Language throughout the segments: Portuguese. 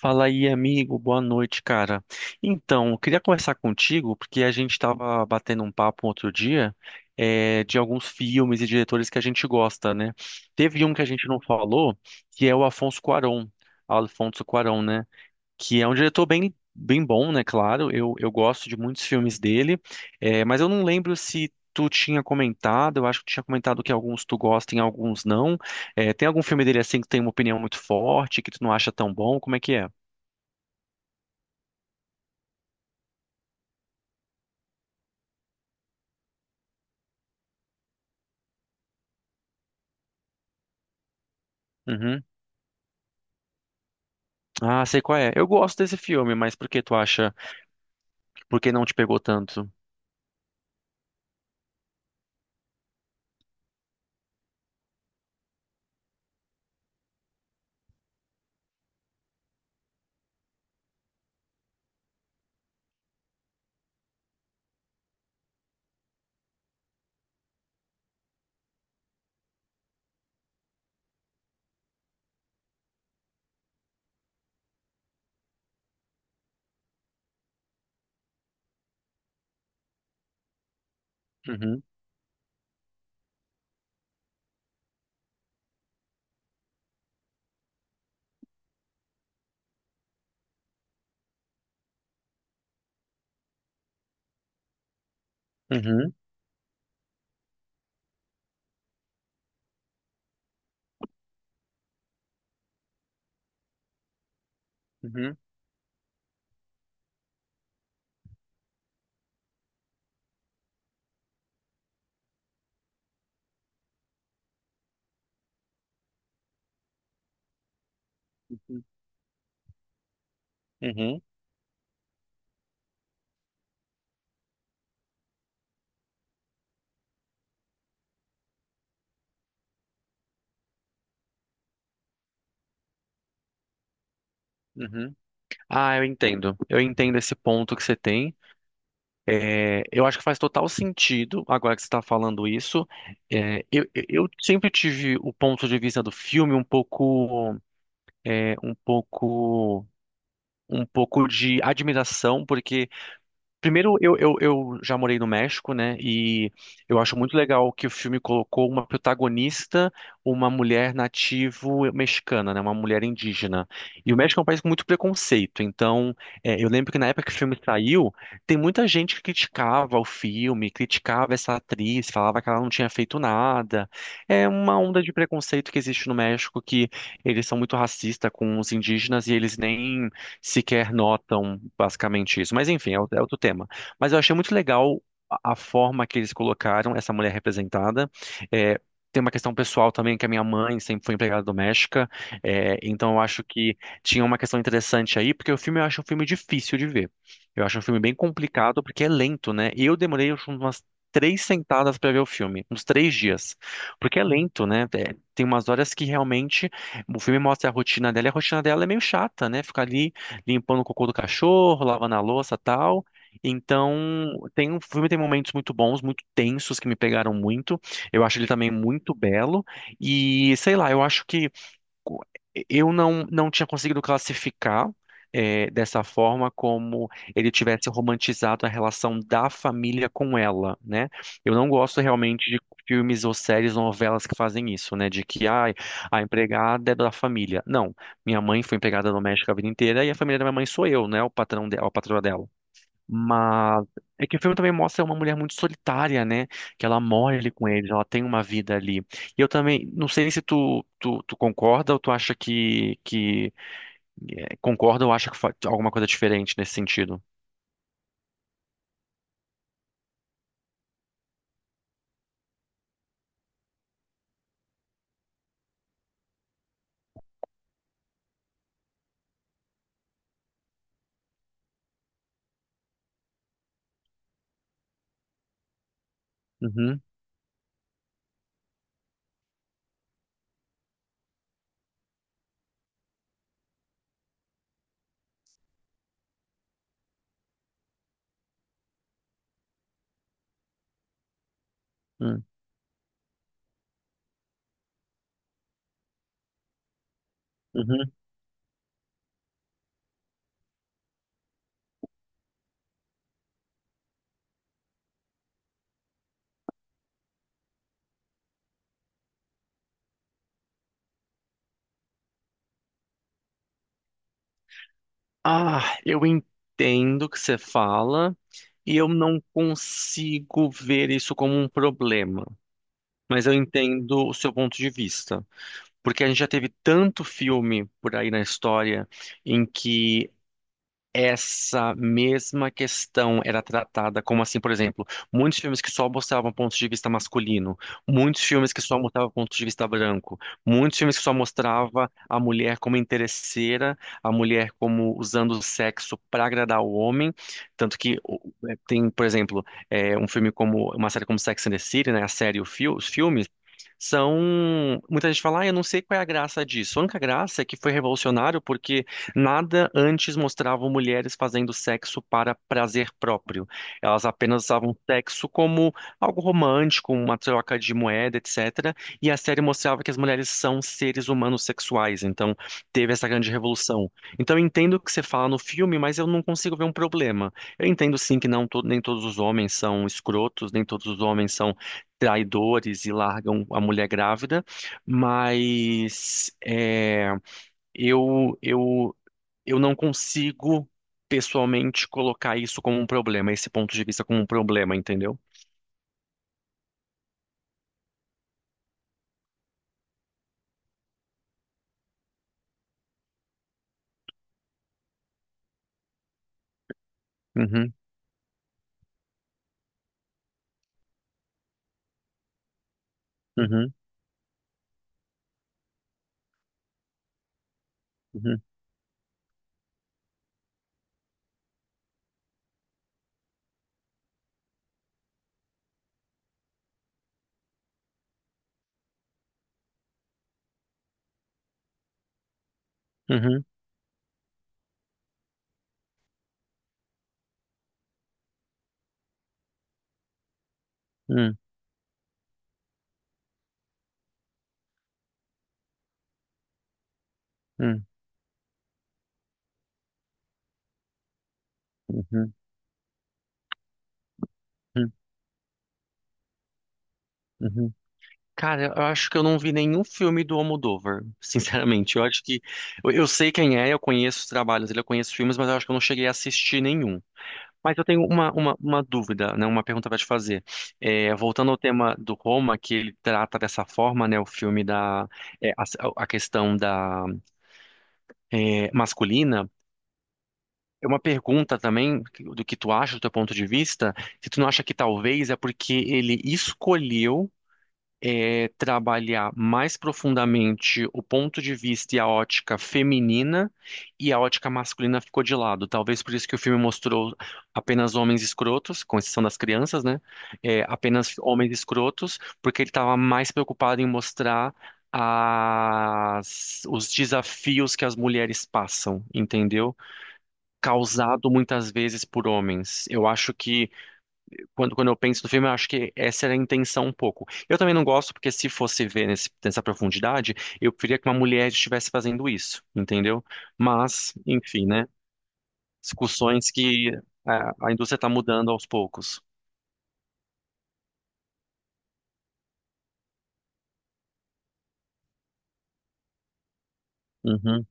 Fala aí, amigo. Boa noite, cara. Então, eu queria conversar contigo porque a gente estava batendo um papo outro dia, de alguns filmes e diretores que a gente gosta, né? Teve um que a gente não falou, que é o Afonso Cuarón, Alfonso Cuarón, né? Que é um diretor bem, bem bom, né? Claro, eu gosto de muitos filmes dele, mas eu não lembro se tu tinha comentado. Eu acho que tu tinha comentado que alguns tu gosta e alguns não. Tem algum filme dele assim que tem uma opinião muito forte, que tu não acha tão bom? Como é que é? Uhum. Ah, sei qual é. Eu gosto desse filme, mas por que tu acha? Por que não te pegou tanto? Uhum, uhum, uhum, uhum, uhum, uhum. Ah, eu entendo. Eu entendo esse ponto que você tem. É, eu acho que faz total sentido agora que você está falando isso. É, eu sempre tive o ponto de vista do filme um pouco, é, um pouco de admiração, porque primeiro, eu já morei no México, né? E eu acho muito legal que o filme colocou uma protagonista, uma mulher nativo mexicana, né? Uma mulher indígena. E o México é um país com muito preconceito. Então, é, eu lembro que na época que o filme saiu, tem muita gente que criticava o filme, criticava essa atriz, falava que ela não tinha feito nada. É uma onda de preconceito que existe no México, que eles são muito racistas com os indígenas e eles nem sequer notam basicamente isso. Mas enfim, é outro tema. Mas eu achei muito legal a forma que eles colocaram essa mulher representada. É, tem uma questão pessoal também, que a minha mãe sempre foi empregada doméstica, é, então eu acho que tinha uma questão interessante aí, porque o filme eu acho um filme difícil de ver. Eu acho um filme bem complicado, porque é lento, né? E eu demorei acho, umas três sentadas para ver o filme, uns três dias, porque é lento, né? É, tem umas horas que realmente o filme mostra a rotina dela, e a rotina dela é meio chata, né? Ficar ali limpando o cocô do cachorro, lavando a louça, tal. Então, tem um filme tem momentos muito bons, muito tensos que me pegaram muito. Eu acho ele também muito belo e sei lá, eu acho que co- eu não tinha conseguido classificar dessa forma como ele tivesse romantizado a relação da família com ela, né? Eu não gosto realmente de filmes ou séries, novelas que fazem isso, né? De que ai, a empregada é da família. Não, minha mãe foi empregada doméstica a vida inteira e a família da minha mãe sou eu, né? O a patroa dela. Mas é que o filme também mostra uma mulher muito solitária, né? Que ela morre ali com eles, ela tem uma vida ali. E eu também, não sei se tu concorda ou tu acha que é, concorda ou acha que alguma coisa diferente nesse sentido. Uhum, uhum, uhum. Ah, eu entendo o que você fala e eu não consigo ver isso como um problema. Mas eu entendo o seu ponto de vista. Porque a gente já teve tanto filme por aí na história em que essa mesma questão era tratada como assim, por exemplo, muitos filmes que só mostravam pontos de vista masculino, muitos filmes que só mostravam pontos de vista branco, muitos filmes que só mostrava a mulher como interesseira, a mulher como usando o sexo para agradar o homem, tanto que o- é, tem, por exemplo, é, um filme como uma série como Sex and the City, né, a série, e os filmes são muita gente fala, ah, eu não sei qual é a graça disso. A única graça é que foi revolucionário porque nada antes mostrava mulheres fazendo sexo para prazer próprio. Elas apenas usavam sexo como algo romântico, uma troca de moeda, etc. E a série mostrava que as mulheres são seres humanos sexuais, então teve essa grande revolução. Então eu entendo o que você fala no filme, mas eu não consigo ver um problema. Eu entendo sim que nem todos os homens são escrotos, nem todos os homens são traidores e largam a mulher grávida, mas é, eu, eu eu não consigo pessoalmente colocar isso como um problema, esse ponto de vista como um problema, entendeu? Uhum, uhum, uhum, uhum, uhum, uhum, uhum, uhum. Uhum. Cara, eu acho que eu não vi nenhum filme do Almodóvar, sinceramente. Eu acho que eu sei quem é, eu conheço os trabalhos dele, eu conheço os filmes, mas eu acho que eu não cheguei a assistir nenhum. Mas eu tenho uma dúvida, né? Uma pergunta para te fazer. É, voltando ao tema do Roma, que ele trata dessa forma, né? O filme da é, a questão da é, masculina, é uma pergunta também do que tu acha, do teu ponto de vista, se tu não acha que talvez é porque ele escolheu é, trabalhar mais profundamente o ponto de vista e a ótica feminina e a ótica masculina ficou de lado. Talvez por isso que o filme mostrou apenas homens escrotos, com exceção das crianças, né? É, apenas homens escrotos, porque ele estava mais preocupado em mostrar os desafios que as mulheres passam, entendeu? Causado muitas vezes por homens. Eu acho que, quando eu penso no filme, eu acho que essa era a intenção um pouco. Eu também não gosto, porque se fosse ver nessa profundidade, eu preferia que uma mulher estivesse fazendo isso, entendeu? Mas, enfim, né? Discussões que a indústria está mudando aos poucos. Uhum,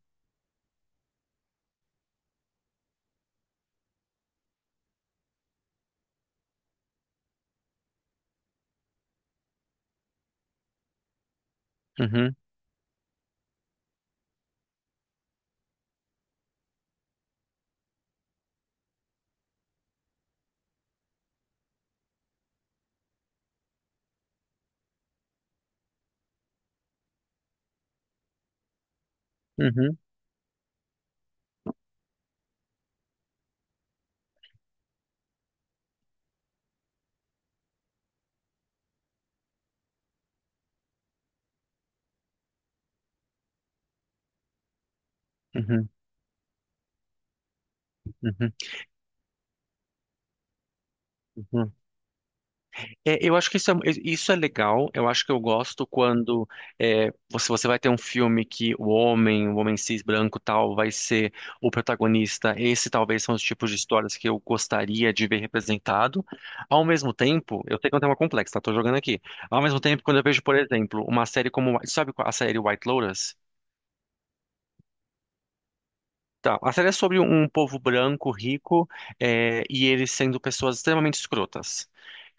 uhum, uhum, uhum, uhum, uhum. É, eu acho que isso é legal. Eu acho que eu gosto quando é, você vai ter um filme que o homem cis branco tal, vai ser o protagonista. Esse talvez são os tipos de histórias que eu gostaria de ver representado. Ao mesmo tempo, eu sei que é um tema complexo, tá? Tô jogando aqui. Ao mesmo tempo, quando eu vejo, por exemplo, uma série como, a série White Lotus? Tá, a série é sobre um povo branco, rico, é, e eles sendo pessoas extremamente escrotas.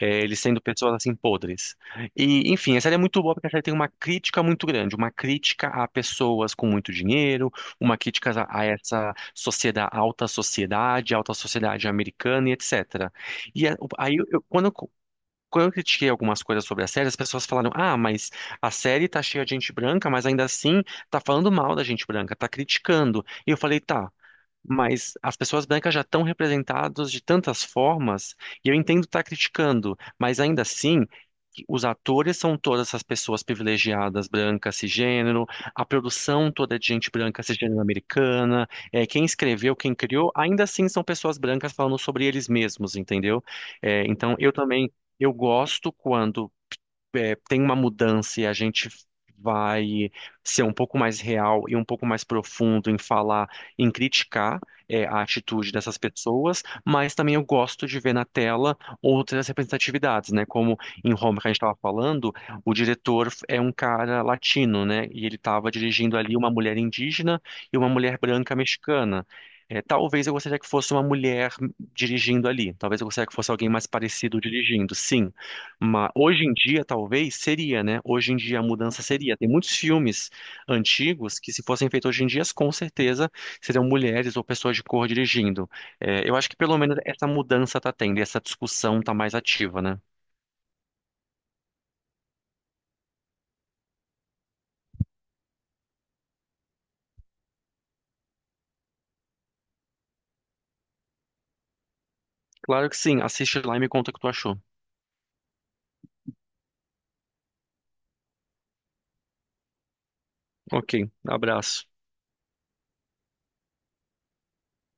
É, eles sendo pessoas, assim, podres. E, enfim, a série é muito boa porque a série tem uma crítica muito grande. Uma crítica a pessoas com muito dinheiro, uma crítica a essa sociedade, alta sociedade, alta sociedade americana e etc. E é, quando eu... Quando eu critiquei algumas coisas sobre a série, as pessoas falaram: "Ah, mas a série tá cheia de gente branca, mas ainda assim tá falando mal da gente branca, tá criticando." E eu falei: "Tá, mas as pessoas brancas já estão representadas de tantas formas, e eu entendo estar criticando, mas ainda assim, os atores são todas essas pessoas privilegiadas, brancas, cisgênero, a produção toda é de gente branca, cisgênero americana, é, quem escreveu, quem criou, ainda assim são pessoas brancas falando sobre eles mesmos, entendeu?" É, então, eu também. Eu gosto quando é, tem uma mudança e a gente vai ser um pouco mais real e um pouco mais profundo em falar, em criticar, é, a atitude dessas pessoas, mas também eu gosto de ver na tela outras representatividades, né? Como em Roma que a gente estava falando, o diretor é um cara latino, né? E ele estava dirigindo ali uma mulher indígena e uma mulher branca mexicana. É, talvez eu gostaria que fosse uma mulher dirigindo ali. Talvez eu gostaria que fosse alguém mais parecido dirigindo, sim. Mas hoje em dia, talvez, seria, né? Hoje em dia a mudança seria. Tem muitos filmes antigos que, se fossem feitos hoje em dia, com certeza seriam mulheres ou pessoas de cor dirigindo. É, eu acho que pelo menos essa mudança tá tendo, e essa discussão tá mais ativa, né? Claro que sim, assiste lá e me conta o que tu achou. Ok, abraço.